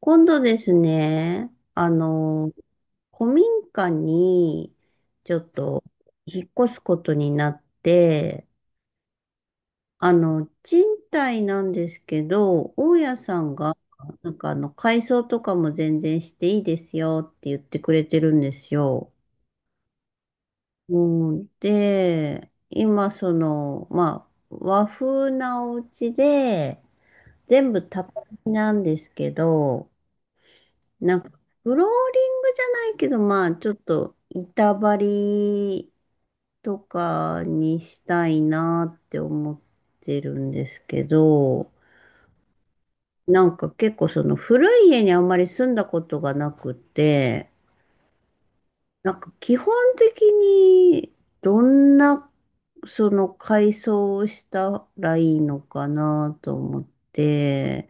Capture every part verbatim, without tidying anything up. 今度ですね、あの、古民家にちょっと引っ越すことになって、あの、賃貸なんですけど、大家さんが、なんかあの、改装とかも全然していいですよって言ってくれてるんですよ。うん、で、今その、まあ、和風なお家で、全部畳なんですけど、なんか、フローリングじゃないけど、まあ、ちょっと、板張りとかにしたいなって思ってるんですけど、なんか結構その古い家にあんまり住んだことがなくて、なんか基本的にどんなその改装をしたらいいのかなと思って、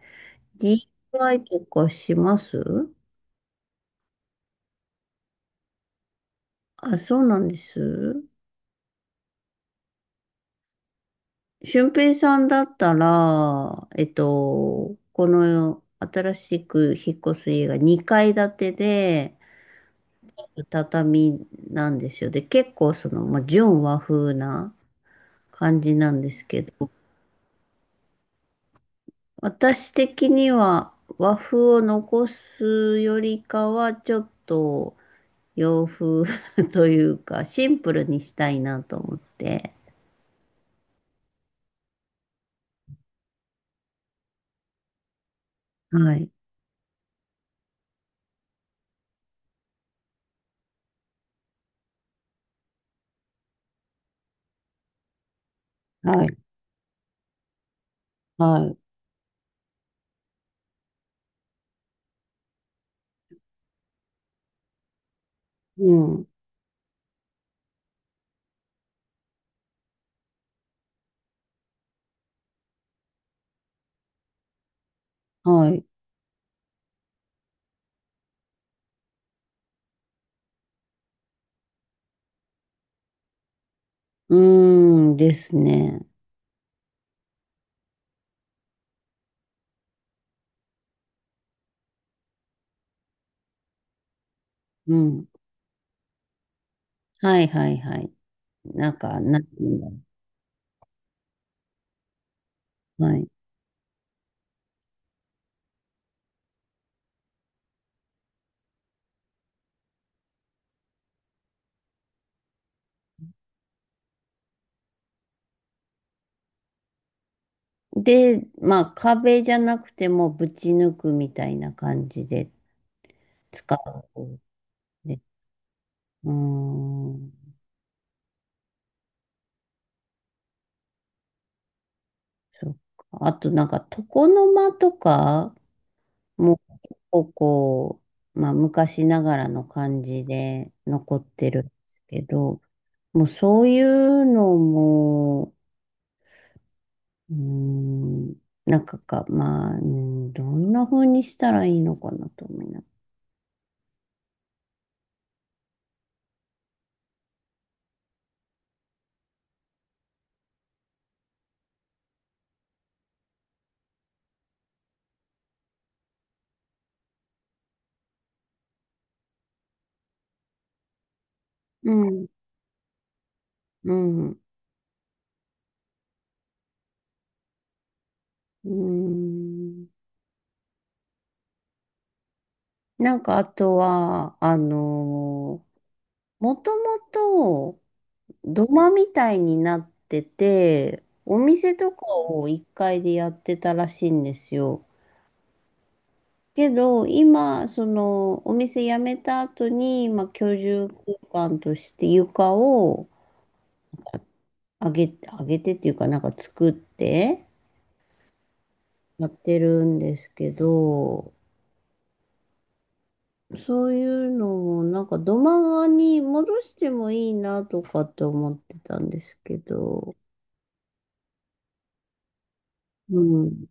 d i イワイとかします。あ、そうなんです。俊平さんだったら、えっと、この新しく引っ越す家がにかい建てで、畳なんですよ。で、結構その、まあ、純和風な感じなんですけど、私的には和風を残すよりかは、ちょっと洋風 というか、シンプルにしたいなと思って。はい。はい。はい。うん。はい。うーんですね。うん。はいはいはい。なんか、なんていうんだろう。はい。で、まあ、壁じゃなくてもぶち抜くみたいな感じで使うね。うーん。そっか。あと、なんか、床の間とかも、こう、まあ、昔ながらの感じで残ってるんですけど、もうそういうのも、うーん、なんかか、まあ、うんどんな風にしたらいいのかなと思いながら。うんうん。うん。なんかあとは、あのーもともと土間みたいになってて、お店とかをいっかいでやってたらしいんですよ。けど、今、その、お店辞めた後に、まあ、居住空間として床を上げ、上げてっていうか、なんか作ってやってるんですけど、そういうのも、なんか土間に戻してもいいなとかって思ってたんですけど、うん。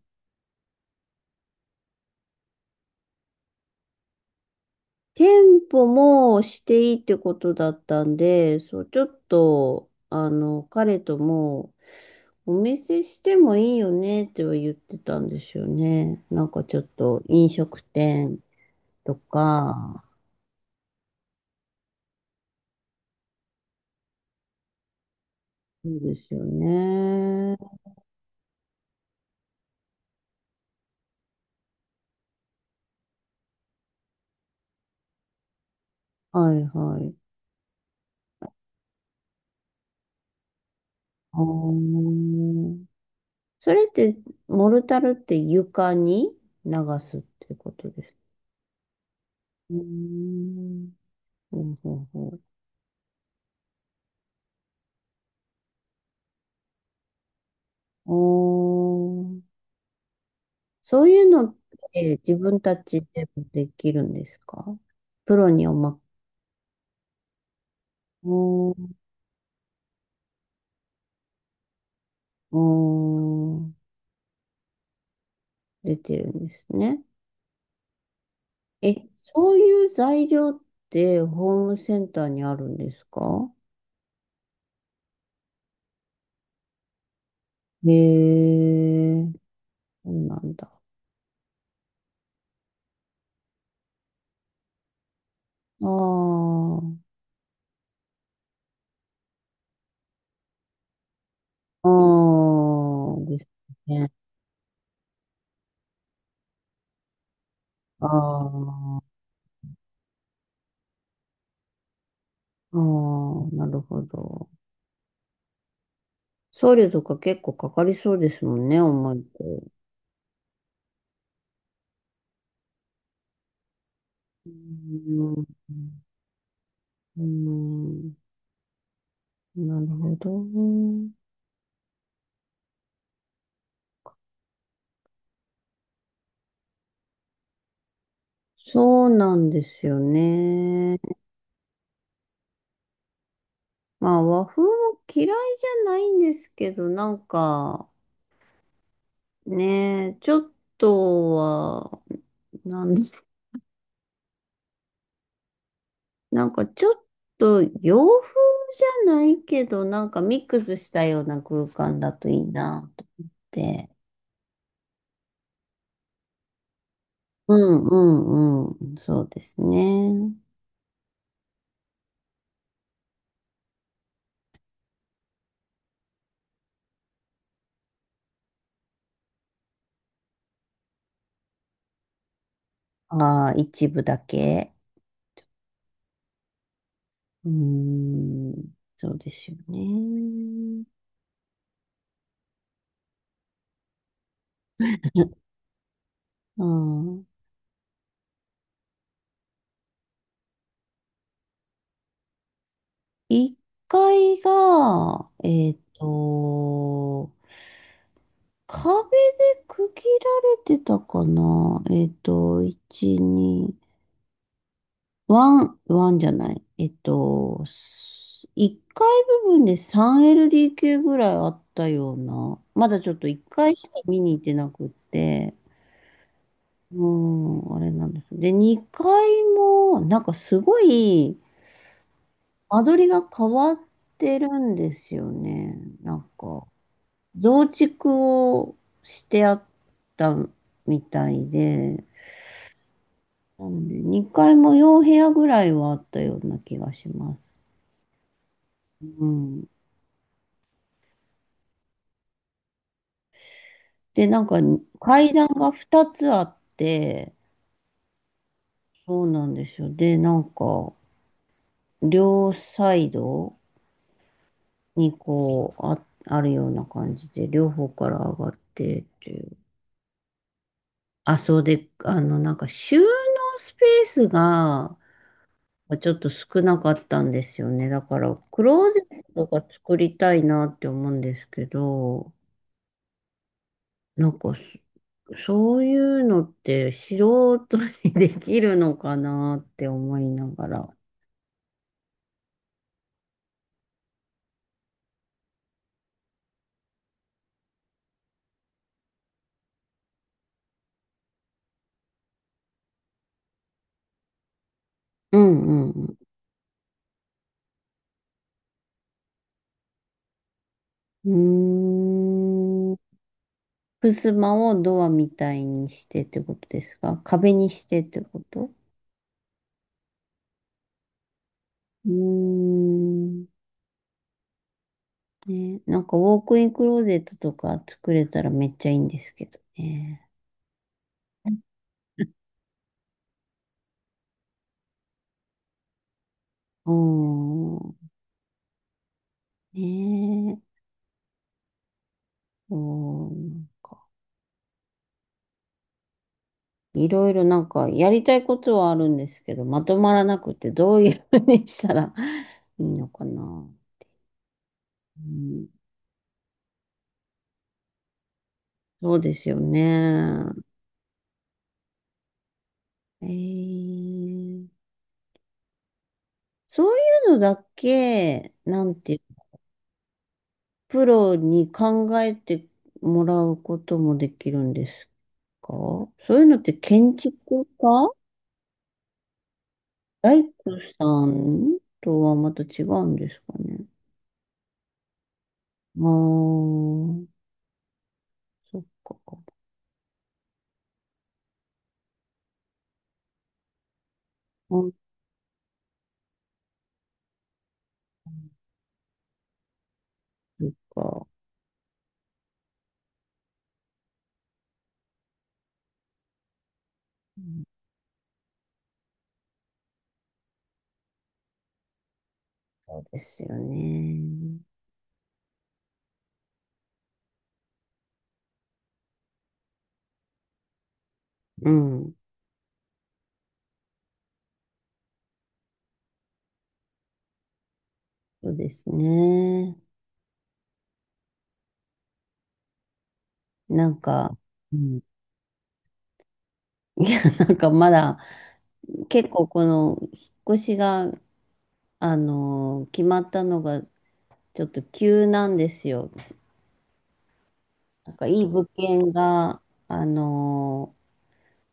店舗もしていいってことだったんで、そう、ちょっと、あの、彼とも、お店してもいいよねっては言ってたんですよね。なんかちょっと飲食店とか、そうですよね。はいはい。あー、それって、モルタルって床に流すってことです。うーん。ほうほうほう。おー。そういうのって自分たちでもできるんですか。プロにおま、おー、おー、出てるんですね。え、そういう材料ってホームセンターにあるんですか。へえー、そうなんだ。ああ、ああ、ですね。ああ、ああ、なるほど。送料とか結構かかりそうですもんね、重いと。うん、うん、なるほど。そうなんですよね。まあ、和風も嫌いじゃないんですけど、なんか、ね、ちょっとは、なん、なんかちょっと洋風じゃないけど、なんかミックスしたような空間だといいなと思って。うんうんうん。そうですね。ああ、一部だけ。うーん。そうですよね。うん。いっかいが、えっと、壁で区切られてたかな。えっと、いち、に、ワン、ワンじゃない。えっと、いっかい部分で スリーエルディーケー ぐらいあったような。まだちょっといっかいしか見に行ってなくって。うん、あれなんです。で、にかいも、なんかすごい、間取りが変わってるんですよね。なんか、増築をしてあったみたいで、なんで、にかいもよん部屋ぐらいはあったような気がします。うん。で、なんか、階段がふたつあって、そうなんですよ。で、なんか、両サイド、にこう、あ、あるような感じで、両方から上がってっていう。あ、そうで、あの、なんか収納スペースがちょっと少なかったんですよね。だから、クローゼットが作りたいなって思うんですけど、なんかそ、そういうのって素人にできるのかなって思いながら。うんうんうん。うーん。襖をドアみたいにしてってことですか。壁にしてってこと。うーん。ね、なんかウォークインクローゼットとか作れたらめっちゃいいんですけどね。うーん。ねえ。うん。いろいろなんかやりたいことはあるんですけど、まとまらなくてどういうふうにしたら いいのかな。うん、そうですよね。えーそういうのだけ、なんてプロに考えてもらうこともできるんですか。そういうのって建築家、大工さんとはまた違うんですかね。ああー、そっか。うん、そっか。うん、そうですよね。うん。そうですね。なんか、うん。いや、なんかまだ、結構この、引っ越しが、あの、決まったのが、ちょっと急なんですよ。なんかいい物件が、あのー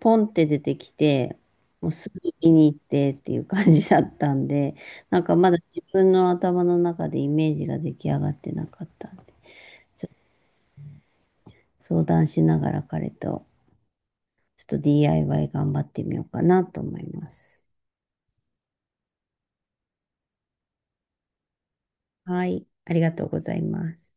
ポンって出てきて、もうすぐ見に行ってっていう感じだったんで、なんかまだ自分の頭の中でイメージが出来上がってなかったんで、ちょっと相談しながら彼と、ちょっと ディーアイワイ 頑張ってみようかなと思います。はい、ありがとうございます。